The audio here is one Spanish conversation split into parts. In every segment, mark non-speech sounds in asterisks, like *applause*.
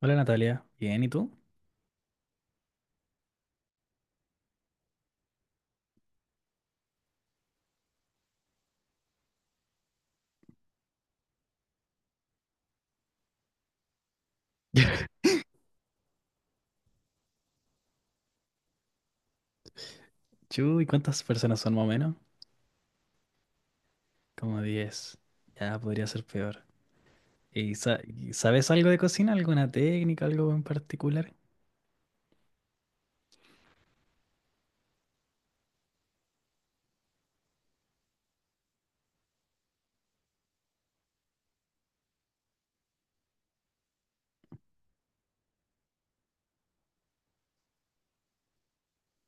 Hola Natalia, bien, ¿y tú? *laughs* Chu, ¿Cuántas personas son más o menos? Como 10. Ya podría ser peor. ¿Y, sabes algo de cocina? ¿Alguna técnica, algo en particular?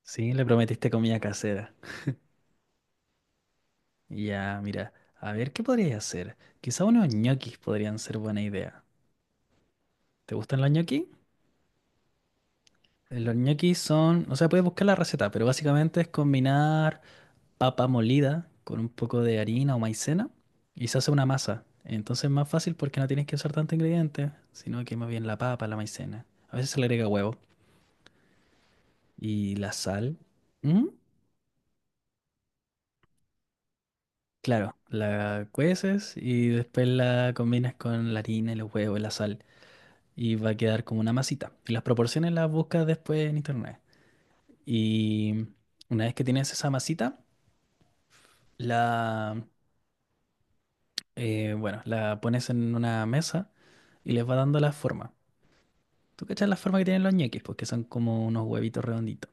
Sí, le prometiste comida casera. Ya, mira, a ver, ¿qué podrías hacer? Quizá unos ñoquis podrían ser buena idea. ¿Te gustan los ñoquis? Los ñoquis son, o sea, puedes buscar la receta, pero básicamente es combinar papa molida con un poco de harina o maicena y se hace una masa. Entonces es más fácil porque no tienes que usar tanto ingredientes sino que más bien la papa, la maicena. A veces se le agrega huevo y la sal. ¿Mm? Claro, la cueces y después la combinas con la harina, y los huevos y la sal y va a quedar como una masita. Y las proporciones las buscas después en internet. Y una vez que tienes esa masita, la, bueno, la pones en una mesa y les va dando la forma. ¿Tú cachas la forma que tienen los ñeques? Porque son como unos huevitos redonditos.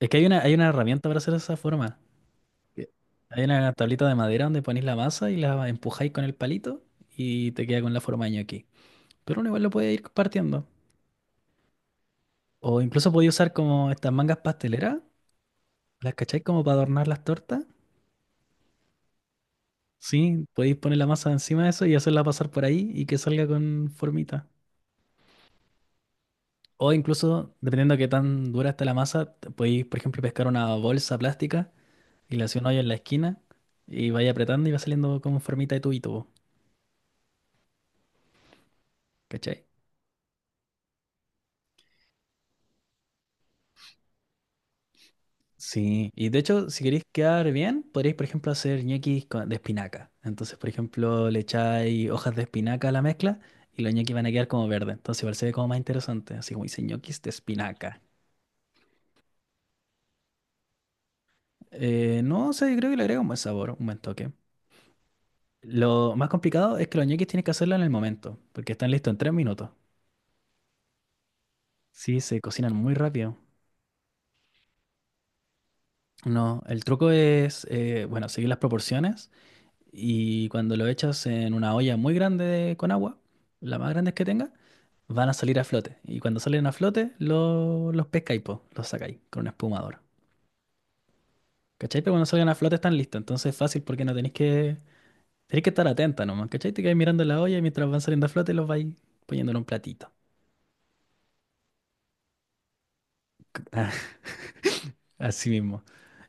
Es que hay una herramienta para hacer esa forma. ¿Qué? Hay una tablita de madera donde ponéis la masa y la empujáis con el palito y te queda con la forma de ñoqui. Pero uno igual lo puede ir partiendo. O incluso podéis usar como estas mangas pasteleras, ¿las cacháis como para adornar las tortas? Sí, podéis poner la masa encima de eso y hacerla pasar por ahí y que salga con formita. O incluso, dependiendo de qué tan dura está la masa, te podéis, por ejemplo, pescar una bolsa plástica y le hacía un hoyo en la esquina y vaya apretando y va saliendo como en formita de tubito, po, ¿cachai? Sí, y de hecho, si queréis quedar bien, podríais, por ejemplo, hacer de espinaca. Entonces, por ejemplo, le echáis hojas de espinaca a la mezcla y los ñoquis van a quedar como verdes. Entonces, igual se ve como más interesante, así como dice ñoquis de espinaca. No sé, yo creo que le agrega un buen sabor, un buen toque. Lo más complicado es que los ñoquis tienes que hacerlo en el momento, porque están listos en 3 minutos. Sí, se cocinan muy rápido. No, el truco es, bueno, seguir las proporciones, y cuando lo echas en una olla muy con agua, la más grande que tenga, van a salir a flote. Y cuando salen a flote, los pescáis, po, los sacáis con un espumador. ¿Cachai? Pero cuando salgan a flote están listos. Entonces es fácil porque no tenéis que estar atenta nomás. ¿Cachai? Te quedáis mirando la olla y mientras van saliendo a flote los vais poniendo en un platito. *laughs* Ah, así mismo.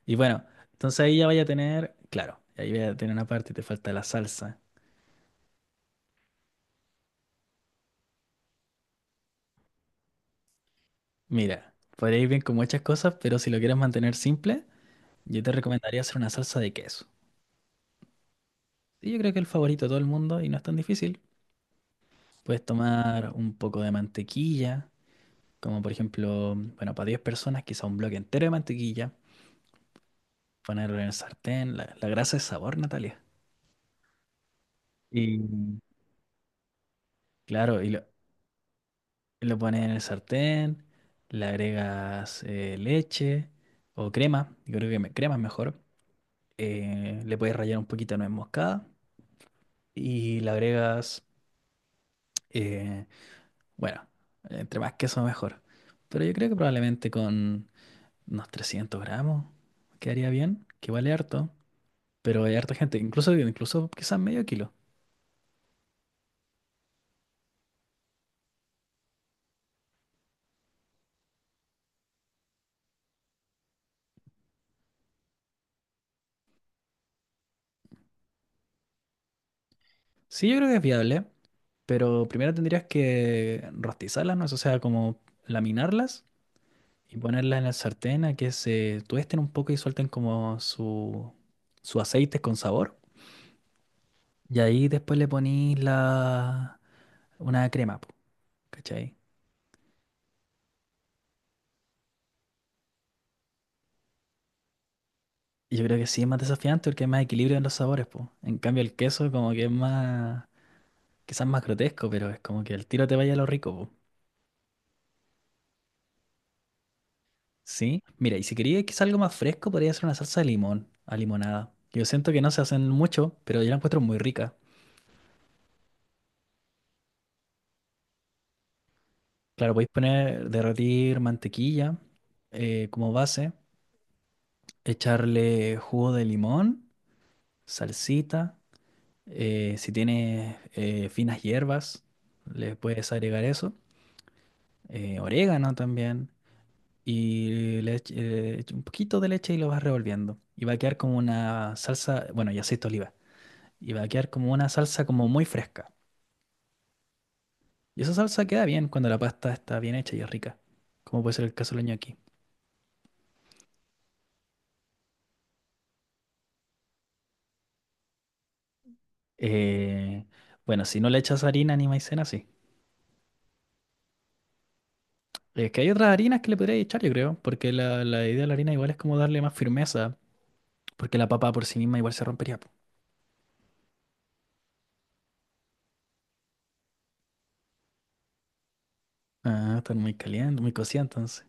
Y bueno, entonces ahí ya vaya a tener, claro, ahí vaya a tener una parte y te falta la salsa. Mira, podéis bien con muchas cosas, pero si lo quieres mantener simple. Yo te recomendaría hacer una salsa de queso. Y yo creo que es el favorito de todo el mundo y no es tan difícil. Puedes tomar un poco de mantequilla, como por ejemplo, bueno, para 10 personas, quizá un bloque entero de mantequilla, ponerlo en el sartén, la grasa es sabor, Natalia. Y claro, lo pones en el sartén, le agregas leche o crema, yo creo que crema es mejor. Le puedes rallar un poquito de nuez moscada y le agregas eh, bueno, entre más queso mejor. Pero yo creo que probablemente con unos 300 gramos quedaría bien, que vale harto, pero hay harta gente, incluso quizás medio kilo. Sí, yo creo que es viable, pero primero tendrías que rostizarlas, ¿no? O sea, como laminarlas y ponerlas en el sartén a que se tuesten un poco y suelten como su aceite con sabor. Y ahí después una crema, po, ¿cachai? Yo creo que sí es más desafiante porque hay más equilibrio en los sabores, po. En cambio el queso como que es más, quizás más grotesco, pero es como que el tiro te vaya a lo rico, po. ¿Sí? Mira, y si quería quizás algo más fresco, podría ser una salsa de limón, a limonada. Yo siento que no se hacen mucho, pero yo la encuentro muy rica. Claro, podéis poner, derretir mantequilla como base, echarle jugo de limón, salsita, si tienes finas hierbas, le puedes agregar eso, orégano también. Y le ech- echa un poquito de leche y lo vas revolviendo. Y va a quedar como una salsa, bueno, y aceite de oliva. Y va a quedar como una salsa como muy fresca. Y esa salsa queda bien cuando la pasta está bien hecha y es rica, como puede ser el caso del ñoqui. Eh, bueno, si no le echas harina ni maicena, sí. Es que hay otras harinas que le podrías echar, yo creo, porque la idea de la harina igual es como darle más firmeza, porque la papa por sí misma igual se rompería, po. Ah, están muy caliente, muy cocida entonces.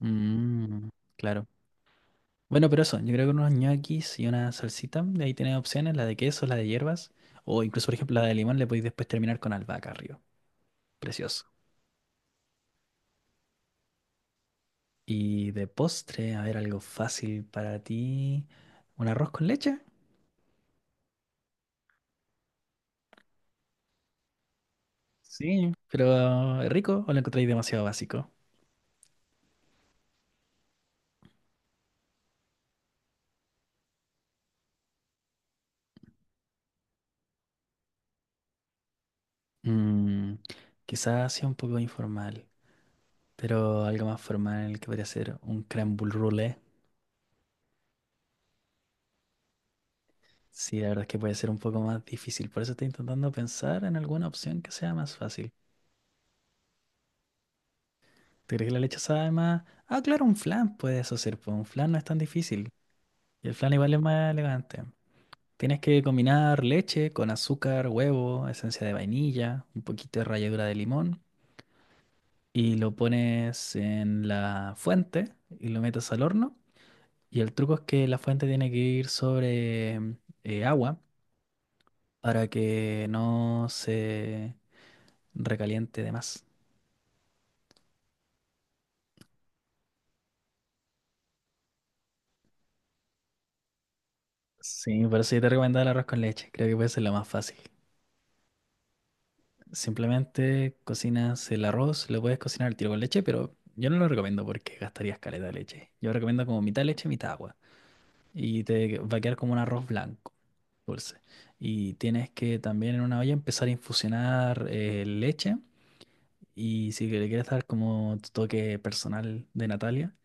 Mm, claro. Bueno, pero eso, yo creo que unos ñoquis y una salsita, de ahí tienes opciones, la de queso, la de hierbas, o incluso, por ejemplo, la de limón, le podéis después terminar con albahaca arriba. Precioso. Y de postre, a ver, algo fácil para ti. ¿Un arroz con leche? Sí, pero ¿es rico o lo encontráis demasiado básico? Mm, quizás sea un poco informal, pero algo más formal que podría ser un crème brûlée. Sí, la verdad es que puede ser un poco más difícil, por eso estoy intentando pensar en alguna opción que sea más fácil. ¿Te crees que la leche sabe más? Ah, claro, un flan puedes hacer, pues un flan no es tan difícil. Y el flan igual es más elegante. Tienes que combinar leche con azúcar, huevo, esencia de vainilla, un poquito de ralladura de limón. Y lo pones en la fuente y lo metes al horno. Y el truco es que la fuente tiene que ir sobre agua para que no se recaliente de más. Sí, por eso yo te recomendaba el arroz con leche. Creo que puede ser lo más fácil. Simplemente cocinas el arroz, lo puedes cocinar al tiro con leche, pero yo no lo recomiendo porque gastarías caleta de leche. Yo recomiendo como mitad leche, mitad agua. Y te va a quedar como un arroz blanco, dulce. Y tienes que también en una olla empezar a infusionar leche. Y si le quieres dar como tu toque personal de Natalia,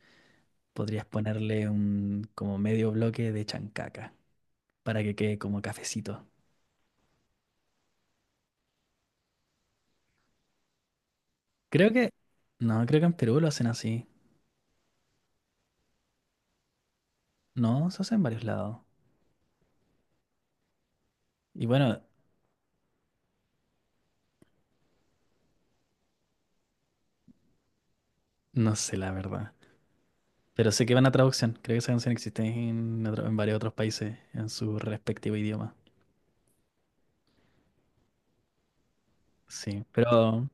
podrías ponerle un como medio bloque de chancaca para que quede como cafecito. Creo que, no, creo que en Perú lo hacen así. No, se hace en varios lados. Y bueno, no sé la verdad. Pero sé que van a traducción. Creo que esa canción existe en, en varios otros países en su respectivo idioma. Sí.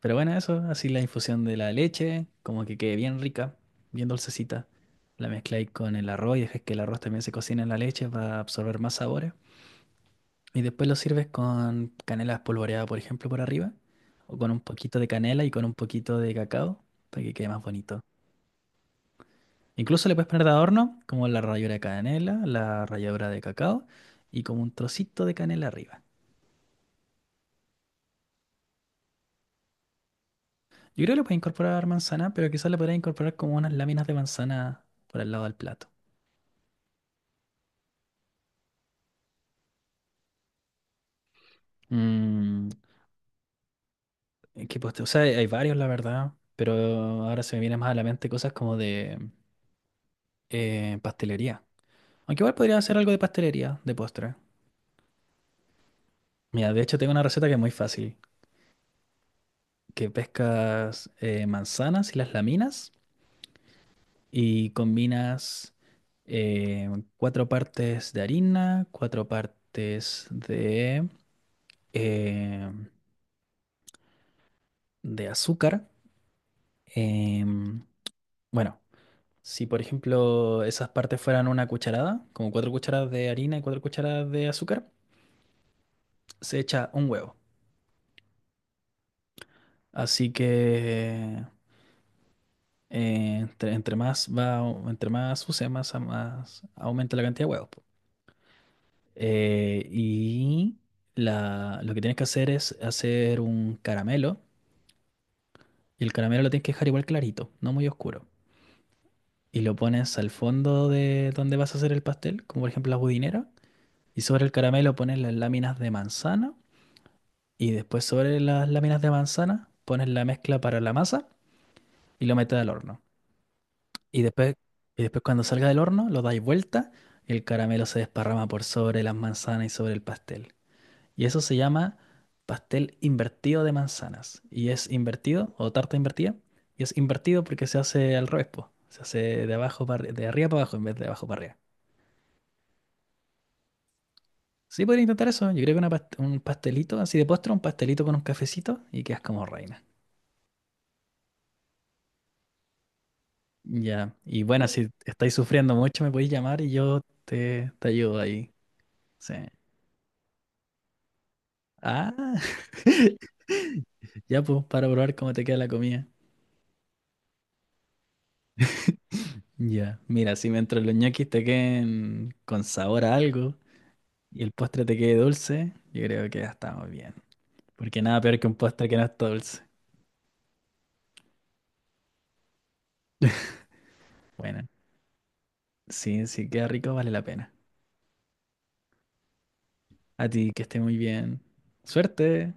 Pero bueno, eso. Así la infusión de la leche, como que quede bien rica, bien dulcecita. La mezcláis con el arroz y dejas que el arroz también se cocine en la leche para absorber más sabores. Y después lo sirves con canela espolvoreada, por ejemplo, por arriba. O con un poquito de canela y con un poquito de cacao para que quede más bonito. Incluso le puedes poner de adorno como la ralladura de canela, la ralladura de cacao y como un trocito de canela arriba. Yo creo que le puedes incorporar manzana, pero quizás le podrías incorporar como unas láminas de manzana por el lado del plato. Mm, ¿qué postre? O sea, hay varios, la verdad, pero ahora se me vienen más a la mente cosas como de pastelería. Aunque igual podría hacer algo de pastelería, de postre. Mira, de hecho tengo una receta que es muy fácil, que pescas manzanas y las laminas. Y combinas eh, 4 partes de harina, cuatro partes eh, de azúcar. Em, bueno, si por ejemplo esas partes fueran una cucharada, como 4 cucharadas de harina y 4 cucharadas de azúcar, se echa un huevo. Así que entre más va, entre más use, más aumenta la cantidad de huevos. Eh, y lo que tienes que hacer es hacer un caramelo. Y el caramelo lo tienes que dejar igual clarito, no muy oscuro. Y lo pones al fondo de donde vas a hacer el pastel, como por ejemplo la budinera. Y sobre el caramelo pones las láminas de manzana. Y después sobre las láminas de manzana pones la mezcla para la masa y lo metes al horno. Y después, y después cuando salga del horno lo dais vuelta y el caramelo se desparrama por sobre las manzanas y sobre el pastel. Y eso se llama pastel invertido de manzanas. Y es invertido, o tarta invertida, y es invertido porque se hace al revés, po. Se hace de abajo de arriba para abajo en vez de abajo para arriba. Sí, podría intentar eso. Yo creo que un pastelito así de postre, un pastelito con un cafecito y quedas como reina. Ya. Y bueno, si estáis sufriendo mucho, me podéis llamar y yo te ayudo ahí. Sí. Ah, *laughs* ya pues, para probar cómo te queda la comida. Ya. Mira, si mientras los ñoquis te queden con sabor a algo, y el postre te quede dulce, yo creo que ya estamos bien. Porque nada peor que un postre que no está dulce. Bueno, sí, sí, queda rico, vale la pena. A ti, que esté muy bien. Suerte.